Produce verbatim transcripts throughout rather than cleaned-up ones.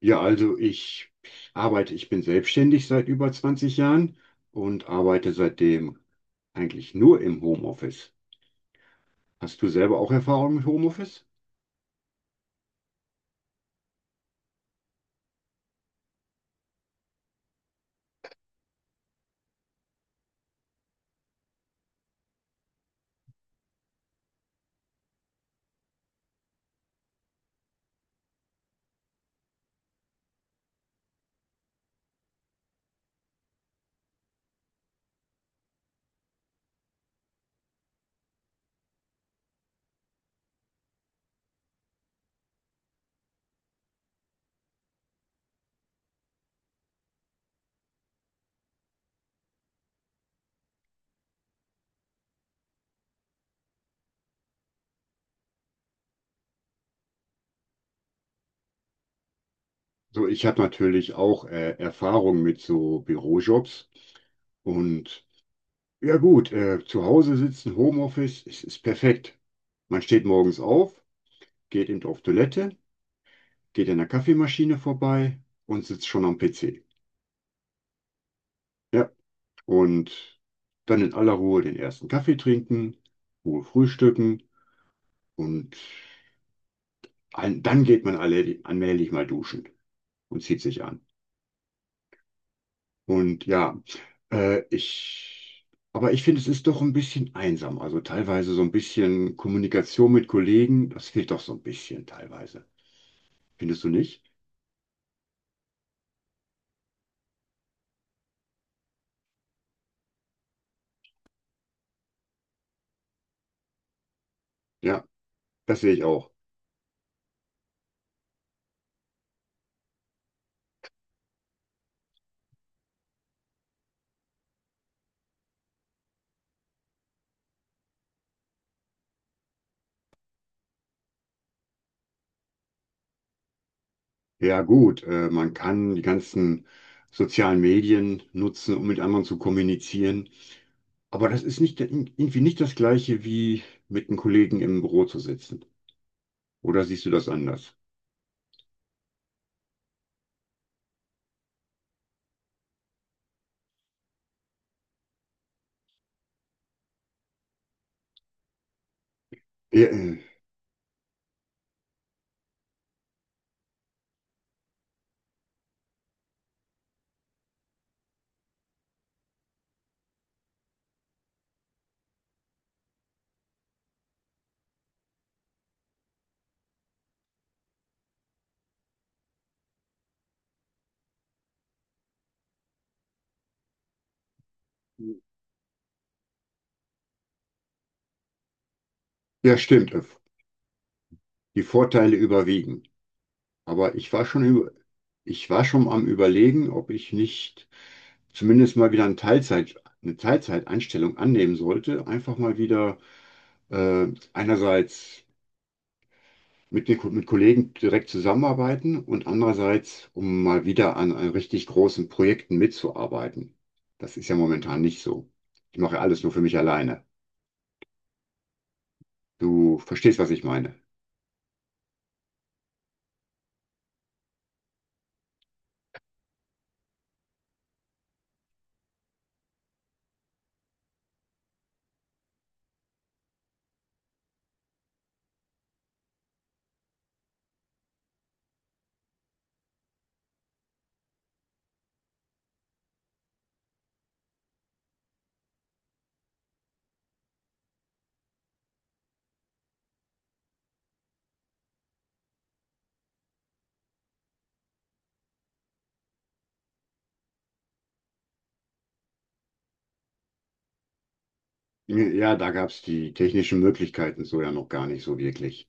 Ja, also ich arbeite, ich bin selbstständig seit über zwanzig Jahren und arbeite seitdem eigentlich nur im Homeoffice. Hast du selber auch Erfahrung mit Homeoffice? So, ich habe natürlich auch äh, Erfahrung mit so Bürojobs und ja gut, äh, zu Hause sitzen, Homeoffice, es ist perfekt. Man steht morgens auf, geht eben auf Toilette, geht an der Kaffeemaschine vorbei und sitzt schon am P C. Ja, und dann in aller Ruhe den ersten Kaffee trinken, Ruhe frühstücken und ein, dann geht man alle allmählich mal duschen und zieht sich an. Und ja, äh, ich, aber ich finde, es ist doch ein bisschen einsam. Also teilweise so ein bisschen Kommunikation mit Kollegen, das fehlt doch so ein bisschen teilweise. Findest du nicht? Ja, das sehe ich auch. Ja, gut, äh, man kann die ganzen sozialen Medien nutzen, um mit anderen zu kommunizieren. Aber das ist nicht, irgendwie nicht das Gleiche, wie mit einem Kollegen im Büro zu sitzen. Oder siehst du das anders? Ja, äh, ja, stimmt. äh, Die Vorteile überwiegen. Aber ich war schon über, ich war schon am Überlegen, ob ich nicht zumindest mal wieder eine Teilzeit, eine Teilzeitanstellung annehmen sollte. Einfach mal wieder, äh, einerseits mit, den Ko- mit Kollegen direkt zusammenarbeiten und andererseits, um mal wieder an, an richtig großen Projekten mitzuarbeiten. Das ist ja momentan nicht so. Ich mache ja alles nur für mich alleine. Du verstehst, was ich meine. Ja, da gab es die technischen Möglichkeiten so ja noch gar nicht so wirklich.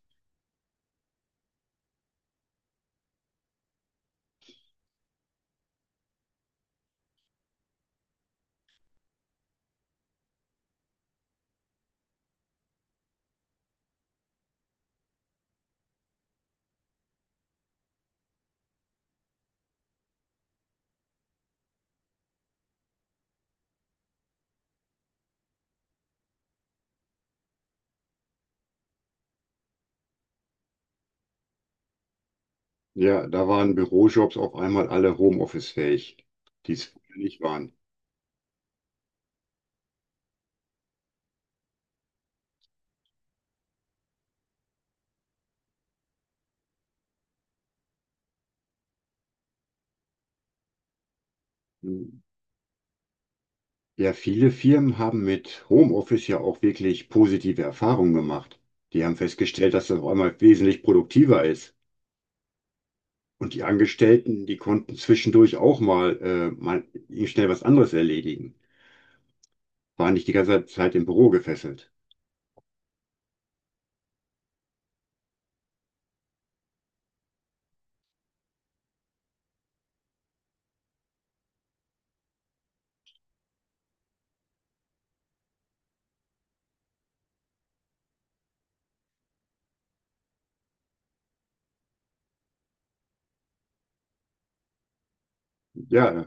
Ja, da waren Bürojobs auf einmal alle Homeoffice-fähig, die es vorher nicht waren. Ja, viele Firmen haben mit Homeoffice ja auch wirklich positive Erfahrungen gemacht. Die haben festgestellt, dass das auf einmal wesentlich produktiver ist. Und die Angestellten, die konnten zwischendurch auch mal, äh, mal schnell was anderes erledigen. Waren nicht die ganze Zeit im Büro gefesselt. Ja,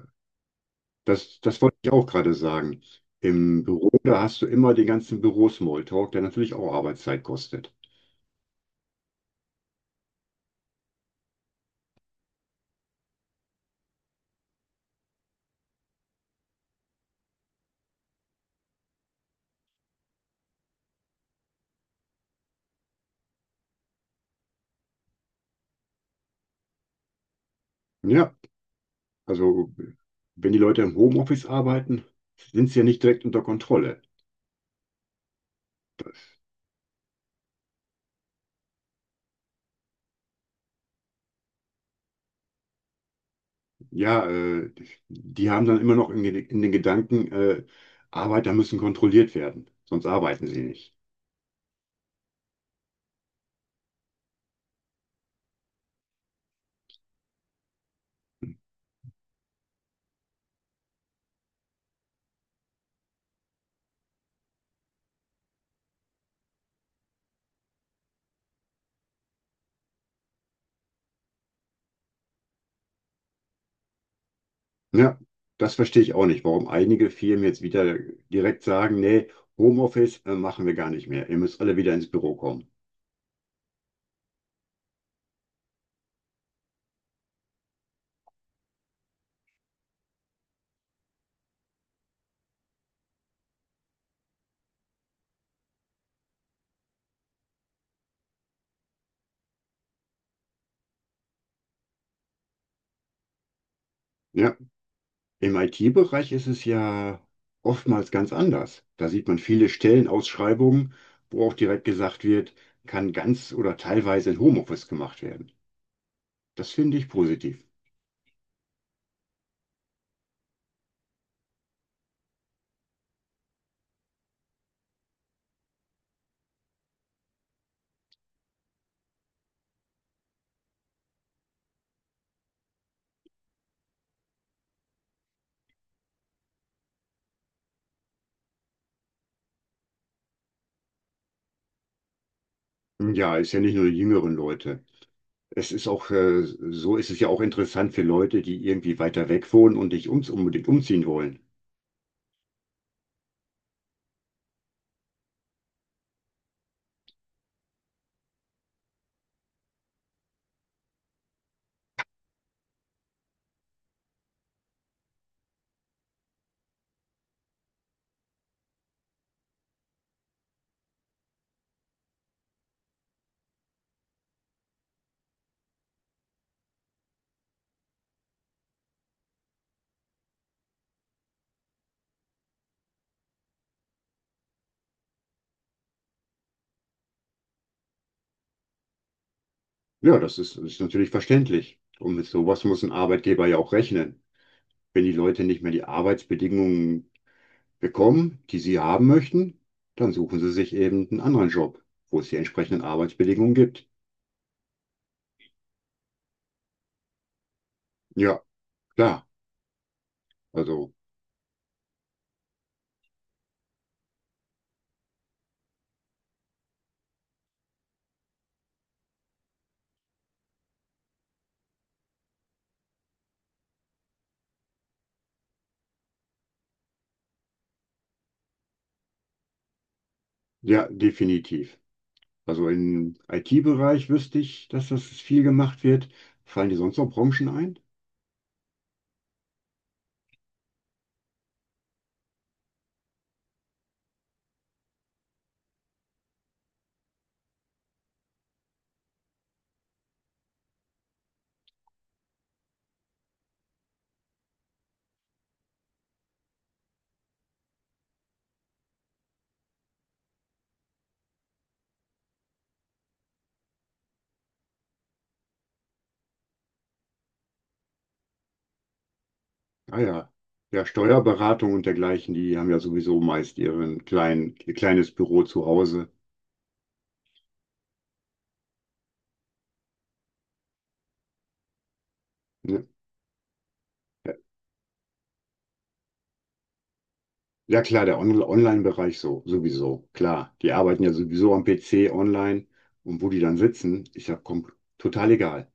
das, das wollte ich auch gerade sagen. Im Büro, da hast du immer den ganzen Büro-Smalltalk, der natürlich auch Arbeitszeit kostet. Ja, also wenn die Leute im Homeoffice arbeiten, sind sie ja nicht direkt unter Kontrolle. Ja, äh, die haben dann immer noch in, in den Gedanken, äh, Arbeiter müssen kontrolliert werden, sonst arbeiten sie nicht. Ja, das verstehe ich auch nicht, warum einige Firmen jetzt wieder direkt sagen, nee, Homeoffice äh, machen wir gar nicht mehr. Ihr müsst alle wieder ins Büro kommen. Ja, im I T-Bereich ist es ja oftmals ganz anders. Da sieht man viele Stellenausschreibungen, wo auch direkt gesagt wird, kann ganz oder teilweise in Homeoffice gemacht werden. Das finde ich positiv. Ja, ist ja nicht nur die jüngeren Leute. Es ist auch, äh, so ist es ja auch interessant für Leute, die irgendwie weiter weg wohnen und nicht ums unbedingt umziehen wollen. Ja, das ist, das ist natürlich verständlich. Und mit sowas muss ein Arbeitgeber ja auch rechnen. Wenn die Leute nicht mehr die Arbeitsbedingungen bekommen, die sie haben möchten, dann suchen sie sich eben einen anderen Job, wo es die entsprechenden Arbeitsbedingungen gibt. Ja, klar. Also, ja, definitiv. Also im I T-Bereich wüsste ich, dass das viel gemacht wird. Fallen dir sonst noch Branchen ein? Ah ja. Ja, Steuerberatung und dergleichen, die haben ja sowieso meist ihren kleinen, ihr kleines Büro zu Hause. Ja. Ja klar, der On Online-Bereich so, sowieso, klar. Die arbeiten ja sowieso am P C online und wo die dann sitzen, ist ja kom- total egal.